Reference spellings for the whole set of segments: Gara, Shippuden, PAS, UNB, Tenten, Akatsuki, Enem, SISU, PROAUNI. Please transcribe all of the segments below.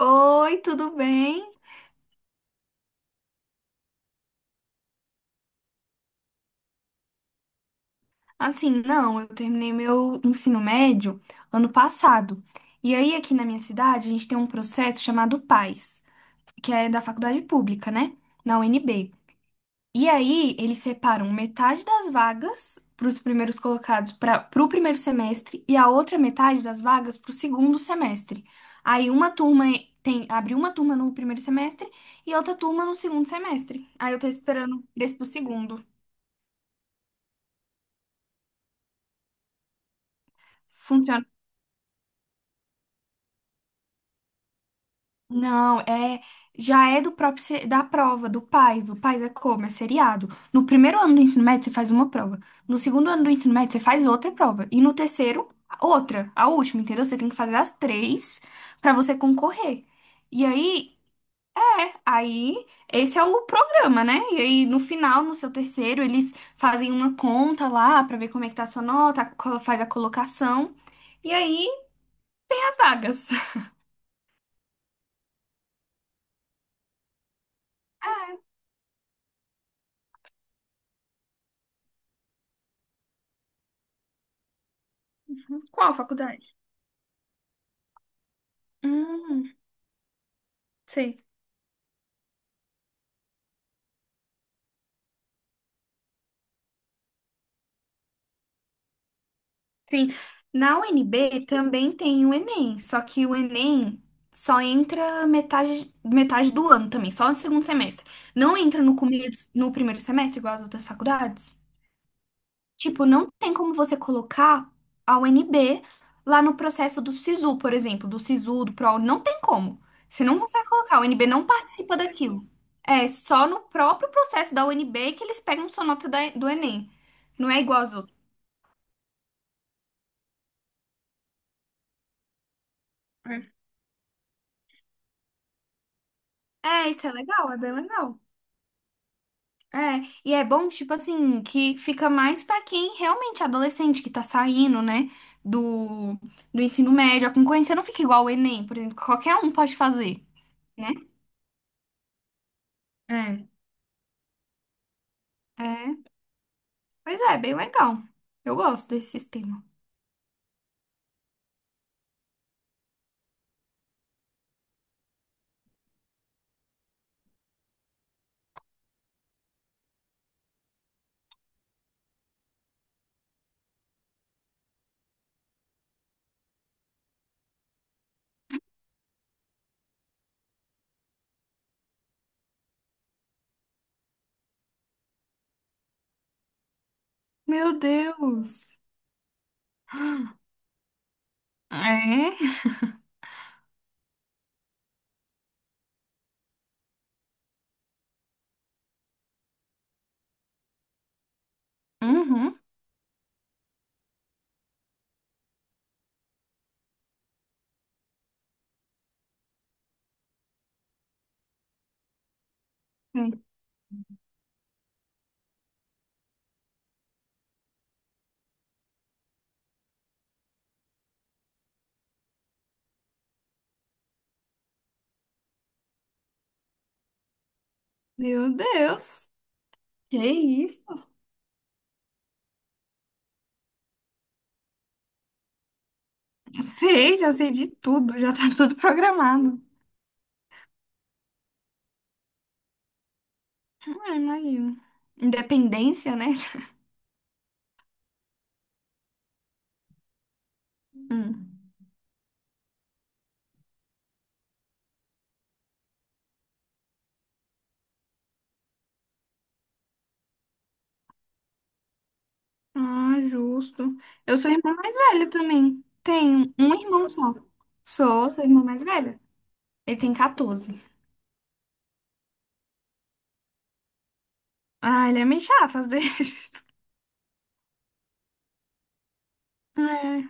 Oi, tudo bem? Assim, não, eu terminei meu ensino médio ano passado. E aí, aqui na minha cidade, a gente tem um processo chamado PAS, que é da faculdade pública, né? Na UNB. E aí, eles separam metade das vagas para os primeiros colocados para o primeiro semestre e a outra metade das vagas para o segundo semestre. Aí, uma turma tem, abre uma turma no primeiro semestre e outra turma no segundo semestre. Aí, eu tô esperando esse do segundo. Funciona. Não, já é do próprio da prova do PAS. O PAS é como? É seriado. No primeiro ano do ensino médio você faz uma prova. No segundo ano do ensino médio você faz outra prova e no terceiro outra, a última, entendeu? Você tem que fazer as três pra você concorrer. E aí é, aí esse é o programa, né? E aí no final, no seu terceiro, eles fazem uma conta lá pra ver como é que tá a sua nota, faz a colocação e aí as vagas. Qual faculdade? Hum, sei. Sim, na UNB também tem o Enem, só que o Enem só entra metade, do ano também, só no segundo semestre. Não entra no começo, no primeiro semestre, igual as outras faculdades. Tipo, não tem como você colocar a UNB lá no processo do SISU, por exemplo, do SISU, do PROAUNI, não tem como. Você não consegue colocar, a UNB não participa daquilo. É só no próprio processo da UNB que eles pegam sua nota do Enem. Não é igual às outras. É. É, isso é legal, é bem legal. É, e é bom, tipo assim, que fica mais pra quem realmente é adolescente, que tá saindo, né, do, do ensino médio. A concorrência não fica igual o Enem, por exemplo, que qualquer um pode fazer, né? É, é. Pois é, bem legal. Eu gosto desse sistema. Meu Deus. É? Uhum. É. Meu Deus. Que isso? Sei, já sei de tudo, já tá tudo programado. Ah, imagino. Independência, né? Hum. Ah, justo. Eu sou a irmã mais velha também. Tenho um irmão só. Sou a irmã mais velha. Ele tem 14. Ah, ele é meio chato às vezes. É.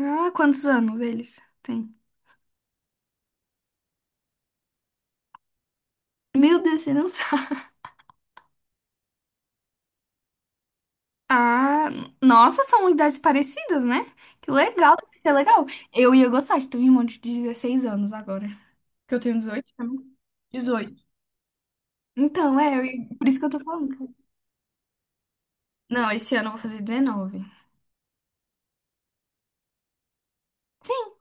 Ah, quantos anos eles têm? Meu Deus, você não sabe. Ah, nossa, são idades parecidas, né? Que legal, deve ser legal. Eu ia gostar de ter um irmão de 16 anos agora. Que eu tenho 18 também. 18. Então, é, por isso que eu tô falando. Não, esse ano eu vou fazer 19 Sim.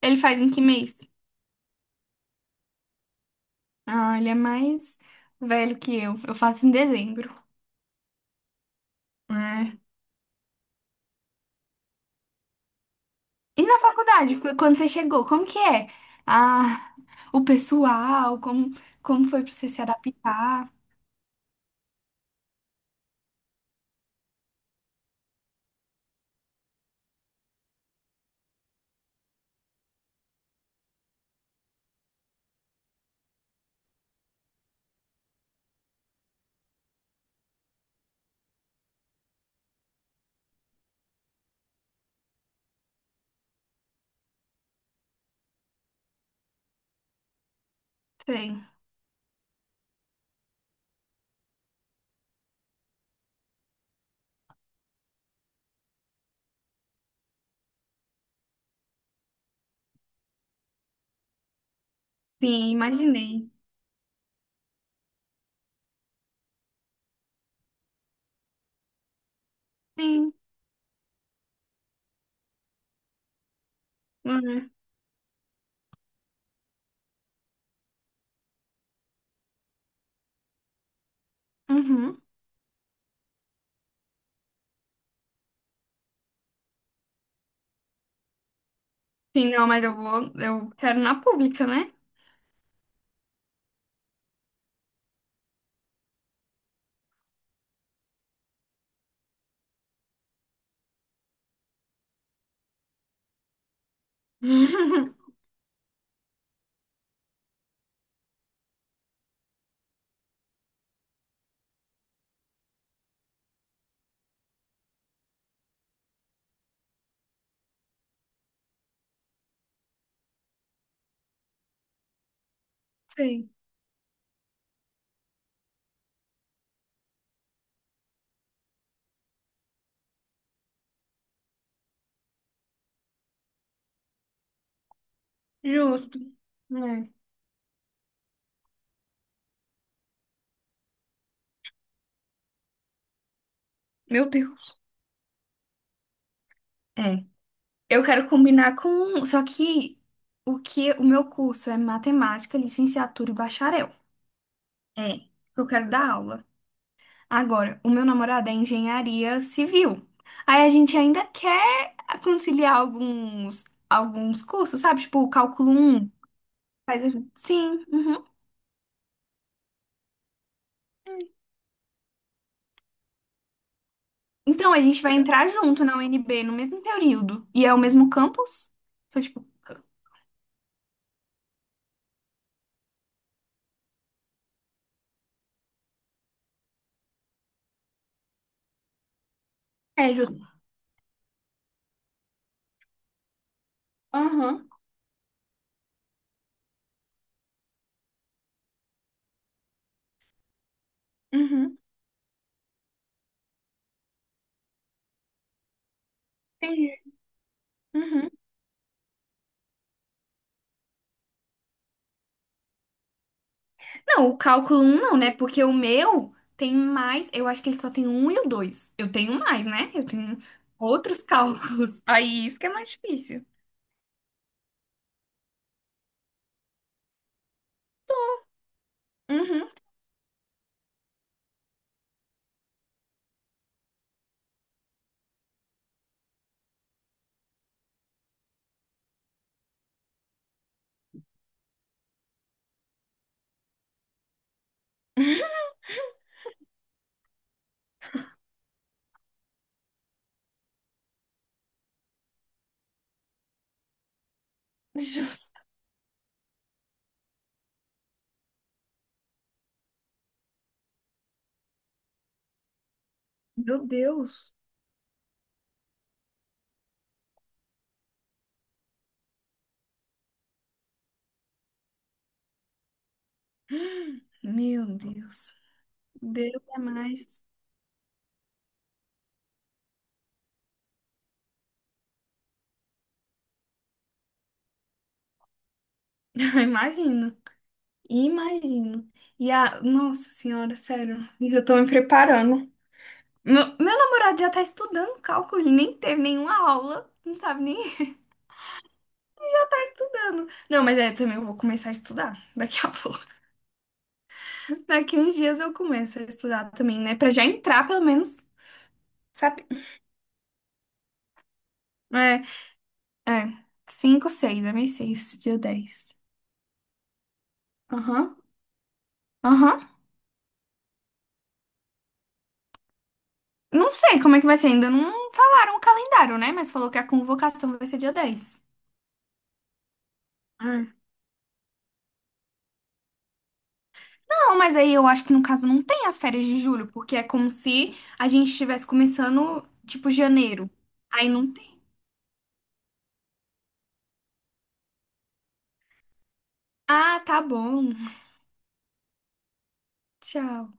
Ele faz em que mês? Ah, ele é mais velho que eu. Eu faço em dezembro, né? E na faculdade, foi quando você chegou, como que é? Ah, o pessoal, como, como foi pra você se adaptar? Sei. Sim, imaginei. Sim. Uhum. Uhum. Sim, não, mas eu vou, eu quero na pública, né? Sei. Justo. É. Meu Deus. É. Eu quero combinar com. Só que o meu curso é matemática, licenciatura e bacharel. É. Eu quero dar aula. Agora, o meu namorado é engenharia civil. Aí a gente ainda quer conciliar alguns cursos, sabe? Tipo, o cálculo um Sim, uhum. Então a gente vai entrar junto na UNB no mesmo período. E é o mesmo campus? Só tipo. É justo. Aham. Uhum. Entendi. Uhum. Não, o cálculo um não, né? Porque o meu tem mais. Eu acho que ele só tem um e o dois. Eu tenho mais, né? Eu tenho outros cálculos. Aí isso que é mais difícil. Uhum. Justo. Meu Deus. Meu Deus. Deus é mais. Eu imagino. Imagino. E a. Nossa Senhora, sério. E eu tô me preparando. Meu namorado já tá estudando cálculo. Ele nem teve nenhuma aula. Não sabe nem estudando. Não, mas é, também eu vou começar a estudar daqui a pouco. Daqui uns dias eu começo a estudar também, né? Pra já entrar, pelo menos, sabe? É, é. 5, 6, é mês 6 dia 10 Aham. Aham. Não sei como é que vai ser, ainda não falaram o calendário, né? Mas falou que a convocação vai ser dia dez. Ah, Não, mas aí eu acho que no caso não tem as férias de julho, porque é como se a gente estivesse começando, tipo, janeiro. Aí não tem. Ah, tá bom. Tchau.